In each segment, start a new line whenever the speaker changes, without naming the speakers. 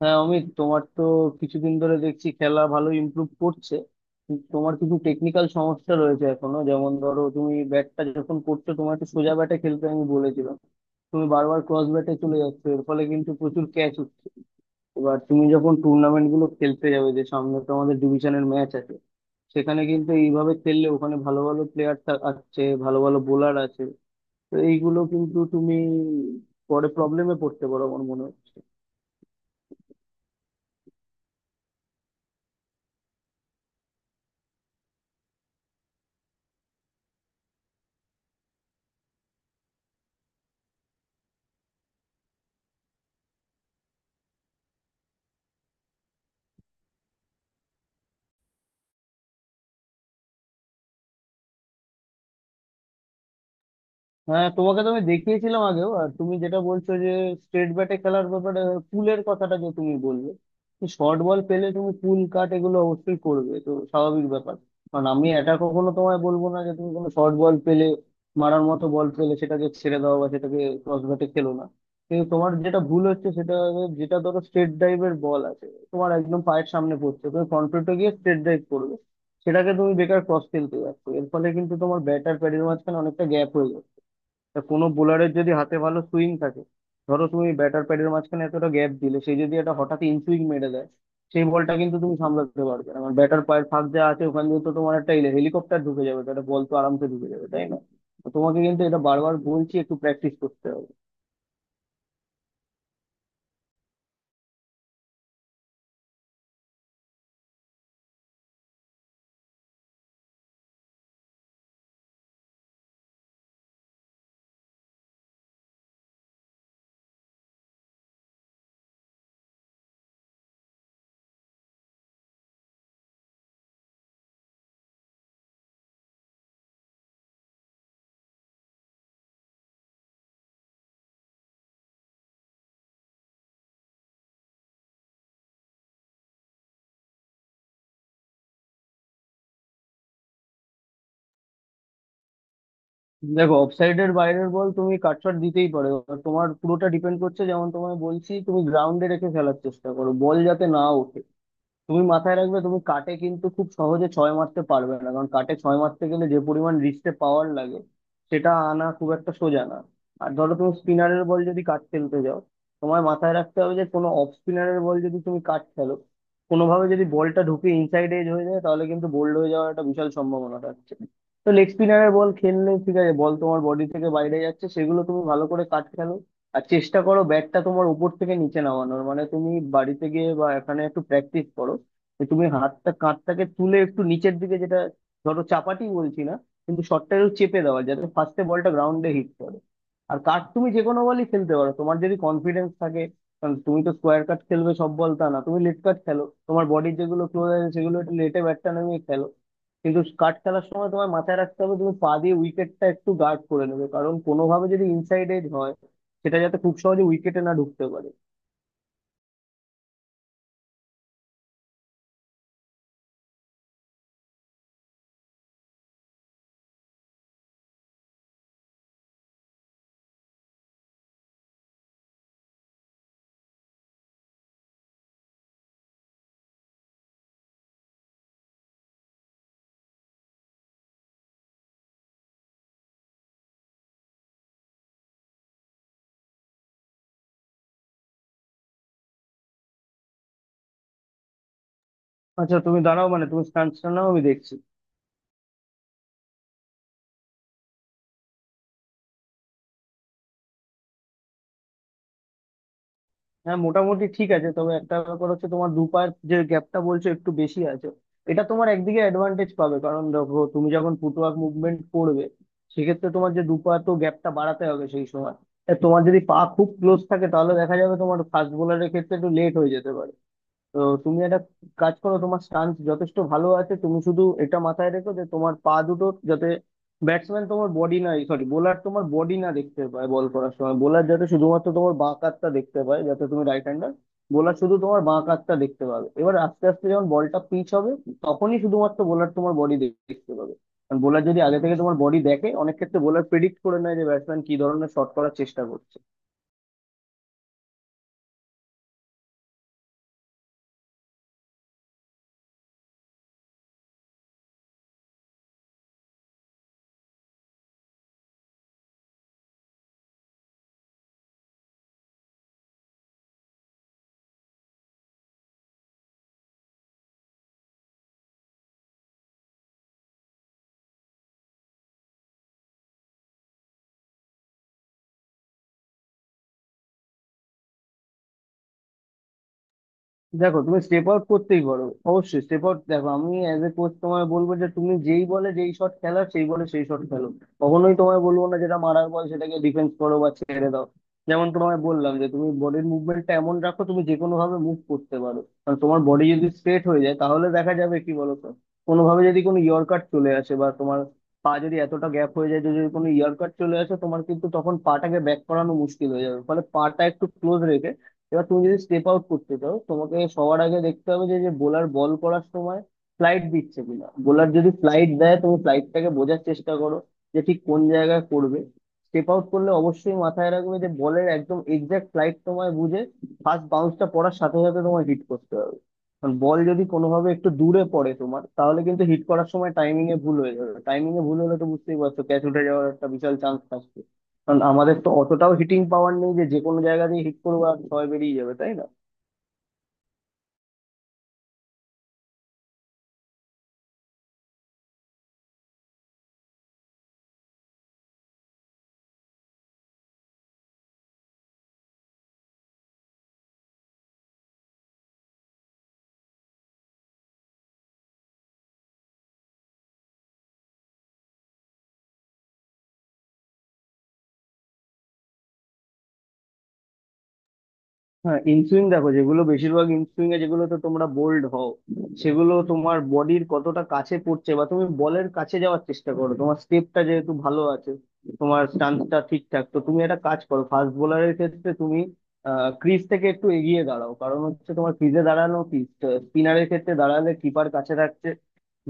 হ্যাঁ অমিত, তোমার তো কিছুদিন ধরে দেখছি খেলা ভালো ইমপ্রুভ করছে, কিন্তু তোমার কিছু টেকনিক্যাল সমস্যা রয়েছে এখনো। যেমন ধরো, তুমি ব্যাটটা যখন করছো, তোমার একটু সোজা ব্যাটে খেলতে আমি বলেছিলাম। তুমি বারবার ক্রস ব্যাটে চলে যাচ্ছ, এর ফলে কিন্তু প্রচুর ক্যাচ হচ্ছে। এবার তুমি যখন টুর্নামেন্ট গুলো খেলতে যাবে, যে সামনে তো আমাদের ডিভিশনের ম্যাচ আছে, সেখানে কিন্তু এইভাবে খেললে ওখানে ভালো ভালো প্লেয়ার আছে, ভালো ভালো বোলার আছে, তো এইগুলো কিন্তু তুমি পরে প্রবলেমে পড়তে পারো আমার মনে হয়। হ্যাঁ, তোমাকে তো আমি দেখিয়েছিলাম আগেও। আর তুমি যেটা বলছো যে স্ট্রেট ব্যাটে খেলার ব্যাপারে, হ্যাঁ, পুলের কথাটা যে তুমি বললে, শর্ট বল পেলে তুমি পুল কাট এগুলো অবশ্যই করবে, তো স্বাভাবিক ব্যাপার। কারণ আমি এটা কখনো তোমায় বলবো না যে তুমি কোনো শর্ট বল পেলে, মারার মতো বল পেলে, সেটাকে ছেড়ে দাও বা সেটাকে ক্রস ব্যাটে খেলো না। কিন্তু তোমার যেটা ভুল হচ্ছে সেটা হলো, যেটা ধরো স্ট্রেট ড্রাইভের বল আছে, তোমার একদম পায়ের সামনে পড়ছে, তুমি ফ্রন্ট ফুটে গিয়ে স্ট্রেট ড্রাইভ করবে, সেটাকে তুমি বেকার ক্রস খেলতে যাচ্ছ। এর ফলে কিন্তু তোমার ব্যাটার প্যাডের মাঝখানে অনেকটা গ্যাপ হয়ে যাবে। তা কোনো বোলারের যদি হাতে ভালো সুইং থাকে, ধরো তুমি ব্যাটার প্যাডের মাঝখানে এতটা গ্যাপ দিলে, সে যদি একটা হঠাৎ ইন সুইং মেরে দেয়, সেই বলটা কিন্তু তুমি সামলাতে পারবে না। মানে ব্যাটার পায়ের ফাঁক যা আছে ওখান দিয়ে তো তোমার একটা হেলিকপ্টার ঢুকে যাবে, তো একটা বল তো আরামসে ঢুকে যাবে, তাই না? তো তোমাকে কিন্তু এটা বারবার বলছি, একটু প্র্যাকটিস করতে হবে। দেখো, অফসাইডের বাইরের বল তুমি কাটশট দিতেই পারো। এবার তোমার পুরোটা ডিপেন্ড করছে, যেমন তোমায় বলছি, তুমি গ্রাউন্ডে রেখে খেলার চেষ্টা করো, বল যাতে না ওঠে। তুমি মাথায় রাখবে, তুমি কাটে কিন্তু খুব সহজে ছয় মারতে পারবে না, কারণ কাটে ছয় মারতে গেলে যে পরিমাণ রিস্টে পাওয়ার লাগে, সেটা আনা খুব একটা সোজা না। আর ধরো তুমি স্পিনারের বল যদি কাট খেলতে যাও, তোমায় মাথায় রাখতে হবে যে কোনো অফ স্পিনারের বল যদি তুমি কাট খেলো, কোনোভাবে যদি বলটা ঢুকে ইনসাইড এজ হয়ে যায়, তাহলে কিন্তু বোল্ড হয়ে যাওয়ার একটা বিশাল সম্ভাবনা থাকছে। তো লেগ স্পিনারের বল খেললে ঠিক আছে, বল তোমার বডি থেকে বাইরে যাচ্ছে, সেগুলো তুমি ভালো করে কাট খেলো। আর চেষ্টা করো ব্যাটটা তোমার উপর থেকে নিচে নামানোর। মানে তুমি বাড়িতে গিয়ে বা এখানে একটু প্র্যাকটিস করো, যে তুমি হাতটা, কাঁধটাকে তুলে একটু নিচের দিকে, যেটা ধরো চাপাটি বলছি না, কিন্তু শটটা একটু চেপে দেওয়া, যাতে ফার্স্টে বলটা গ্রাউন্ডে হিট করে। আর কাট তুমি যে কোনো বলই খেলতে পারো, তোমার যদি কনফিডেন্স থাকে। কারণ তুমি তো স্কোয়ার কাট খেলবে সব বল, তা না, তুমি লেট কাট খেলো, তোমার বডির যেগুলো ক্লোজ আছে, সেগুলো একটু লেটে ব্যাটটা নামিয়ে খেলো। কিন্তু কাট খেলার সময় তোমার মাথায় রাখতে হবে, তুমি পা দিয়ে উইকেটটা একটু গার্ড করে নেবে, কারণ কোনোভাবে যদি ইনসাইড এজ হয়, সেটা যাতে খুব সহজে উইকেটে না ঢুকতে পারে। আচ্ছা তুমি দাঁড়াও, মানে তুমি স্টান্স নাও, আমি দেখছি। হ্যাঁ, মোটামুটি ঠিক আছে, তবে একটা ব্যাপার হচ্ছে, তোমার দু পায়ের যে গ্যাপটা বলছো, একটু বেশি আছে। এটা তোমার একদিকে অ্যাডভান্টেজ পাবে, কারণ দেখো, তুমি যখন ফুটওয়ার্ক মুভমেন্ট করবে, সেক্ষেত্রে তোমার যে দু পা, তো গ্যাপটা বাড়াতে হবে সেই সময়। তা তোমার যদি পা খুব ক্লোজ থাকে, তাহলে দেখা যাবে তোমার ফাস্ট বোলারের ক্ষেত্রে একটু লেট হয়ে যেতে পারে। তো তুমি একটা কাজ করো, তোমার স্টান্স যথেষ্ট ভালো আছে, তুমি শুধু এটা মাথায় রেখো যে তোমার পা দুটো যাতে, ব্যাটসম্যান তোমার বডি না, সরি, বোলার তোমার বডি না দেখতে পায় বল করার সময়। বোলার যাতে শুধুমাত্র তোমার বাঁ কাতটা দেখতে পায়, যাতে তুমি রাইট হ্যান্ডার, বোলার শুধু তোমার বাঁ কাতটা দেখতে পাবে। এবার আস্তে আস্তে যখন বলটা পিচ হবে, তখনই শুধুমাত্র বোলার তোমার বডি দেখতে পাবে। কারণ বোলার যদি আগে থেকে তোমার বডি দেখে, অনেক ক্ষেত্রে বোলার প্রেডিক্ট করে নেয় যে ব্যাটসম্যান কি ধরনের শট করার চেষ্টা করছে। দেখো, তুমি স্টেপ আউট করতেই পারো, অবশ্যই স্টেপ আউট। দেখো, আমি অ্যাজ এ কোচ তোমায় বলবো যে তুমি যেই বলে যেই শট খেলা, সেই বলে সেই শট খেলো। কখনোই তোমায় বলবো না যেটা মারার বল সেটাকে ডিফেন্স করো বা ছেড়ে দাও। যেমন তোমায় বললাম যে তুমি বডির মুভমেন্টটা এমন রাখো, তুমি যে কোনো ভাবে মুভ করতে পারো, কারণ তোমার বডি যদি স্ট্রেট হয়ে যায়, তাহলে দেখা যাবে কি বলো তো, কোনোভাবে যদি কোনো ইয়র্কার চলে আসে বা তোমার পা যদি এতটা গ্যাপ হয়ে যায়, যে যদি কোনো ইয়ার কাট চলে আসে, তোমার কিন্তু তখন পাটাকে ব্যাক করানো মুশকিল হয়ে যাবে। ফলে পাটা একটু ক্লোজ রেখে, এবার তুমি যদি স্টেপ আউট করতে চাও, তোমাকে সবার আগে দেখতে হবে যে, যে বোলার বল করার সময় ফ্লাইট দিচ্ছে কিনা। বোলার যদি ফ্লাইট দেয়, তুমি ফ্লাইটটাকে বোঝার চেষ্টা করো যে ঠিক কোন জায়গায় করবে। স্টেপ আউট করলে অবশ্যই মাথায় রাখবে যে বলের একদম এক্সাক্ট ফ্লাইট তোমায় বুঝে, ফার্স্ট বাউন্সটা পড়ার সাথে সাথে তোমায় হিট করতে হবে। কারণ বল যদি কোনোভাবে একটু দূরে পড়ে তোমার, তাহলে কিন্তু হিট করার সময় টাইমিং এ ভুল হয়ে যাবে। টাইমিং এ ভুল হলে তো বুঝতেই পারছো, ক্যাচ উঠে যাওয়ার একটা বিশাল চান্স থাকে। কারণ আমাদের তো অতটাও হিটিং পাওয়ার নেই যে যে কোনো জায়গা দিয়ে হিট করবো আর ছয় বেরিয়ে যাবে, তাই না? হ্যাঁ, ইনসুইং দেখো, যেগুলো বেশিরভাগ ইনসুইং এ যেগুলোতে তোমরা বোল্ড হও, সেগুলো তোমার বডির কতটা কাছে পড়ছে, বা তুমি বলের কাছে যাওয়ার চেষ্টা করো। তোমার স্টেপটা যেহেতু ভালো আছে, তোমার স্টান্সটা ঠিকঠাক, তো তুমি একটা কাজ করো, ফাস্ট বোলারের ক্ষেত্রে তুমি ক্রিজ থেকে একটু এগিয়ে দাঁড়াও। কারণ হচ্ছে, তোমার ক্রিজে দাঁড়ানো কি, স্পিনারের ক্ষেত্রে দাঁড়ালে কিপার কাছে থাকছে,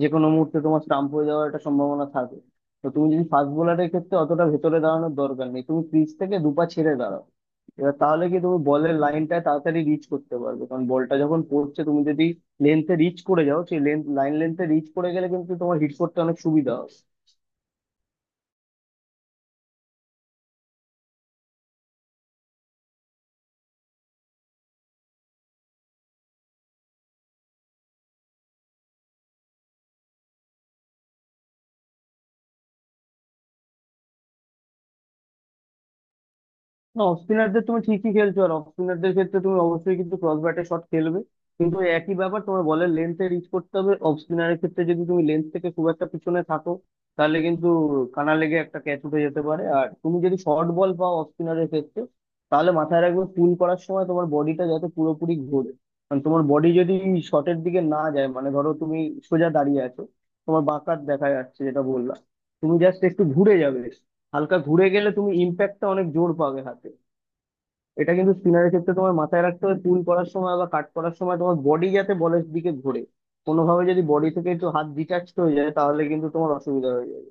যে কোনো মুহূর্তে তোমার স্টাম্প হয়ে যাওয়ার একটা সম্ভাবনা থাকে। তো তুমি যদি ফাস্ট বোলারের ক্ষেত্রে অতটা ভেতরে দাঁড়ানোর দরকার নেই, তুমি ক্রিজ থেকে দুপা ছেড়ে দাঁড়াও। এবার তাহলে কি, তুমি বলের লাইনটা তাড়াতাড়ি রিচ করতে পারবে, কারণ বলটা যখন পড়ছে, তুমি যদি লেন্থে রিচ করে যাও, সেই লেন্থ লাইন লেন্থে রিচ করে গেলে কিন্তু তোমার হিট করতে অনেক সুবিধা হবে। না, অফ স্পিনারদের তুমি ঠিকই খেলছো, আর অফ স্পিনারদের ক্ষেত্রে তুমি অবশ্যই কিন্তু ক্রস ব্যাটে শট খেলবে। কিন্তু ওই একই ব্যাপার, তোমার বলের লেন্থে রিচ করতে হবে। অফ স্পিনারের ক্ষেত্রে যদি তুমি লেন্থ থেকে খুব একটা পিছনে থাকো, তাহলে কিন্তু কানা লেগে একটা ক্যাচ উঠে যেতে পারে। আর তুমি যদি শর্ট বল পাও অফ স্পিনারের ক্ষেত্রে, তাহলে মাথায় রাখবে পুল করার সময় তোমার বডিটা যাতে পুরোপুরি ঘোরে। কারণ তোমার বডি যদি শটের দিকে না যায়, মানে ধরো তুমি সোজা দাঁড়িয়ে আছো, তোমার বাঁকাত দেখা যাচ্ছে যেটা বললাম, তুমি জাস্ট একটু ঘুরে যাবে। হালকা ঘুরে গেলে তুমি ইম্প্যাক্টটা অনেক জোর পাবে হাতে। এটা কিন্তু স্পিনারের ক্ষেত্রে তোমার মাথায় রাখতে হবে, পুল করার সময় বা কাট করার সময় তোমার বডি যাতে বলের দিকে ঘোরে। কোনোভাবে যদি বডি থেকে একটু হাত ডিটাচড হয়ে যায়, তাহলে কিন্তু তোমার অসুবিধা হয়ে যাবে।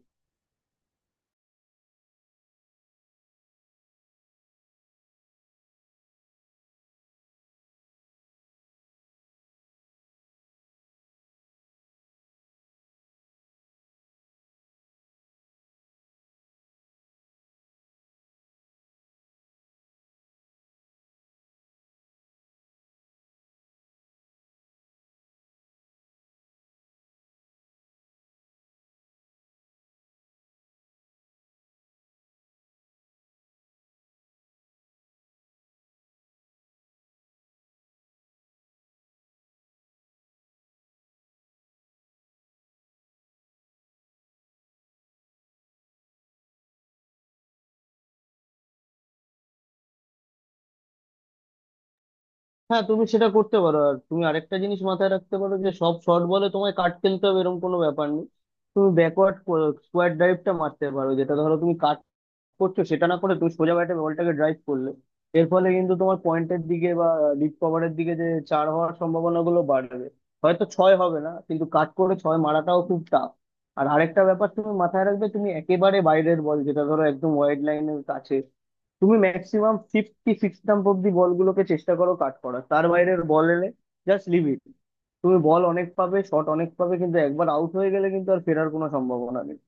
হ্যাঁ, তুমি সেটা করতে পারো। আর তুমি আরেকটা জিনিস মাথায় রাখতে পারো যে সব শর্ট বলে তোমায় কাট খেলতে হবে এরকম কোনো ব্যাপার নেই। তুমি ব্যাকওয়ার্ড স্কোয়ার ড্রাইভটা মারতে পারো, যেটা ধরো তুমি করছো, সেটা না করে তুমি সোজা ব্যাটে বলটাকে ড্রাইভ করলে, এর ফলে কিন্তু তোমার পয়েন্টের দিকে বা ডিপ কভারের দিকে যে চার হওয়ার সম্ভাবনা গুলো বাড়বে। হয়তো ছয় হবে না, কিন্তু কাট করে ছয় মারাটাও খুব টাফ। আর আরেকটা ব্যাপার তুমি মাথায় রাখবে, তুমি একেবারে বাইরের বল, যেটা ধরো একদম ওয়াইড লাইনের কাছে, তুমি ম্যাক্সিমাম 56 স্টাম্প অব্দি বলগুলোকে চেষ্টা করো কাট করার, তার বাইরের বল এলে জাস্ট লিভ ইট। তুমি বল অনেক পাবে, শট অনেক পাবে, কিন্তু একবার আউট হয়ে গেলে কিন্তু আর ফেরার কোনো সম্ভাবনা নেই।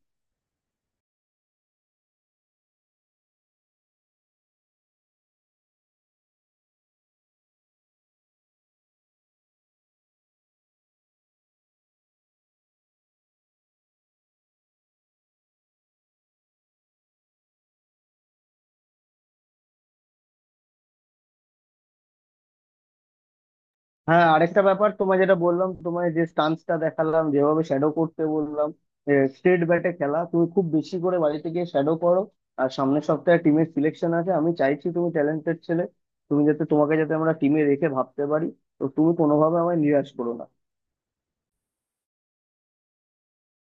হ্যাঁ, আরেকটা ব্যাপার তোমায় যেটা বললাম তোমায়, যে স্টান্সটা দেখালাম যেভাবে শ্যাডো করতে বললাম, স্ট্রেট ব্যাটে খেলা তুমি খুব বেশি করে বাড়িতে গিয়ে শ্যাডো করো। আর সামনের সপ্তাহে টিমের সিলেকশন আছে, আমি চাইছি তুমি ট্যালেন্টেড ছেলে, তুমি যাতে, তোমাকে যাতে আমরা টিমে রেখে ভাবতে পারি। তো তুমি কোনোভাবে আমায় নিরাশ করো না।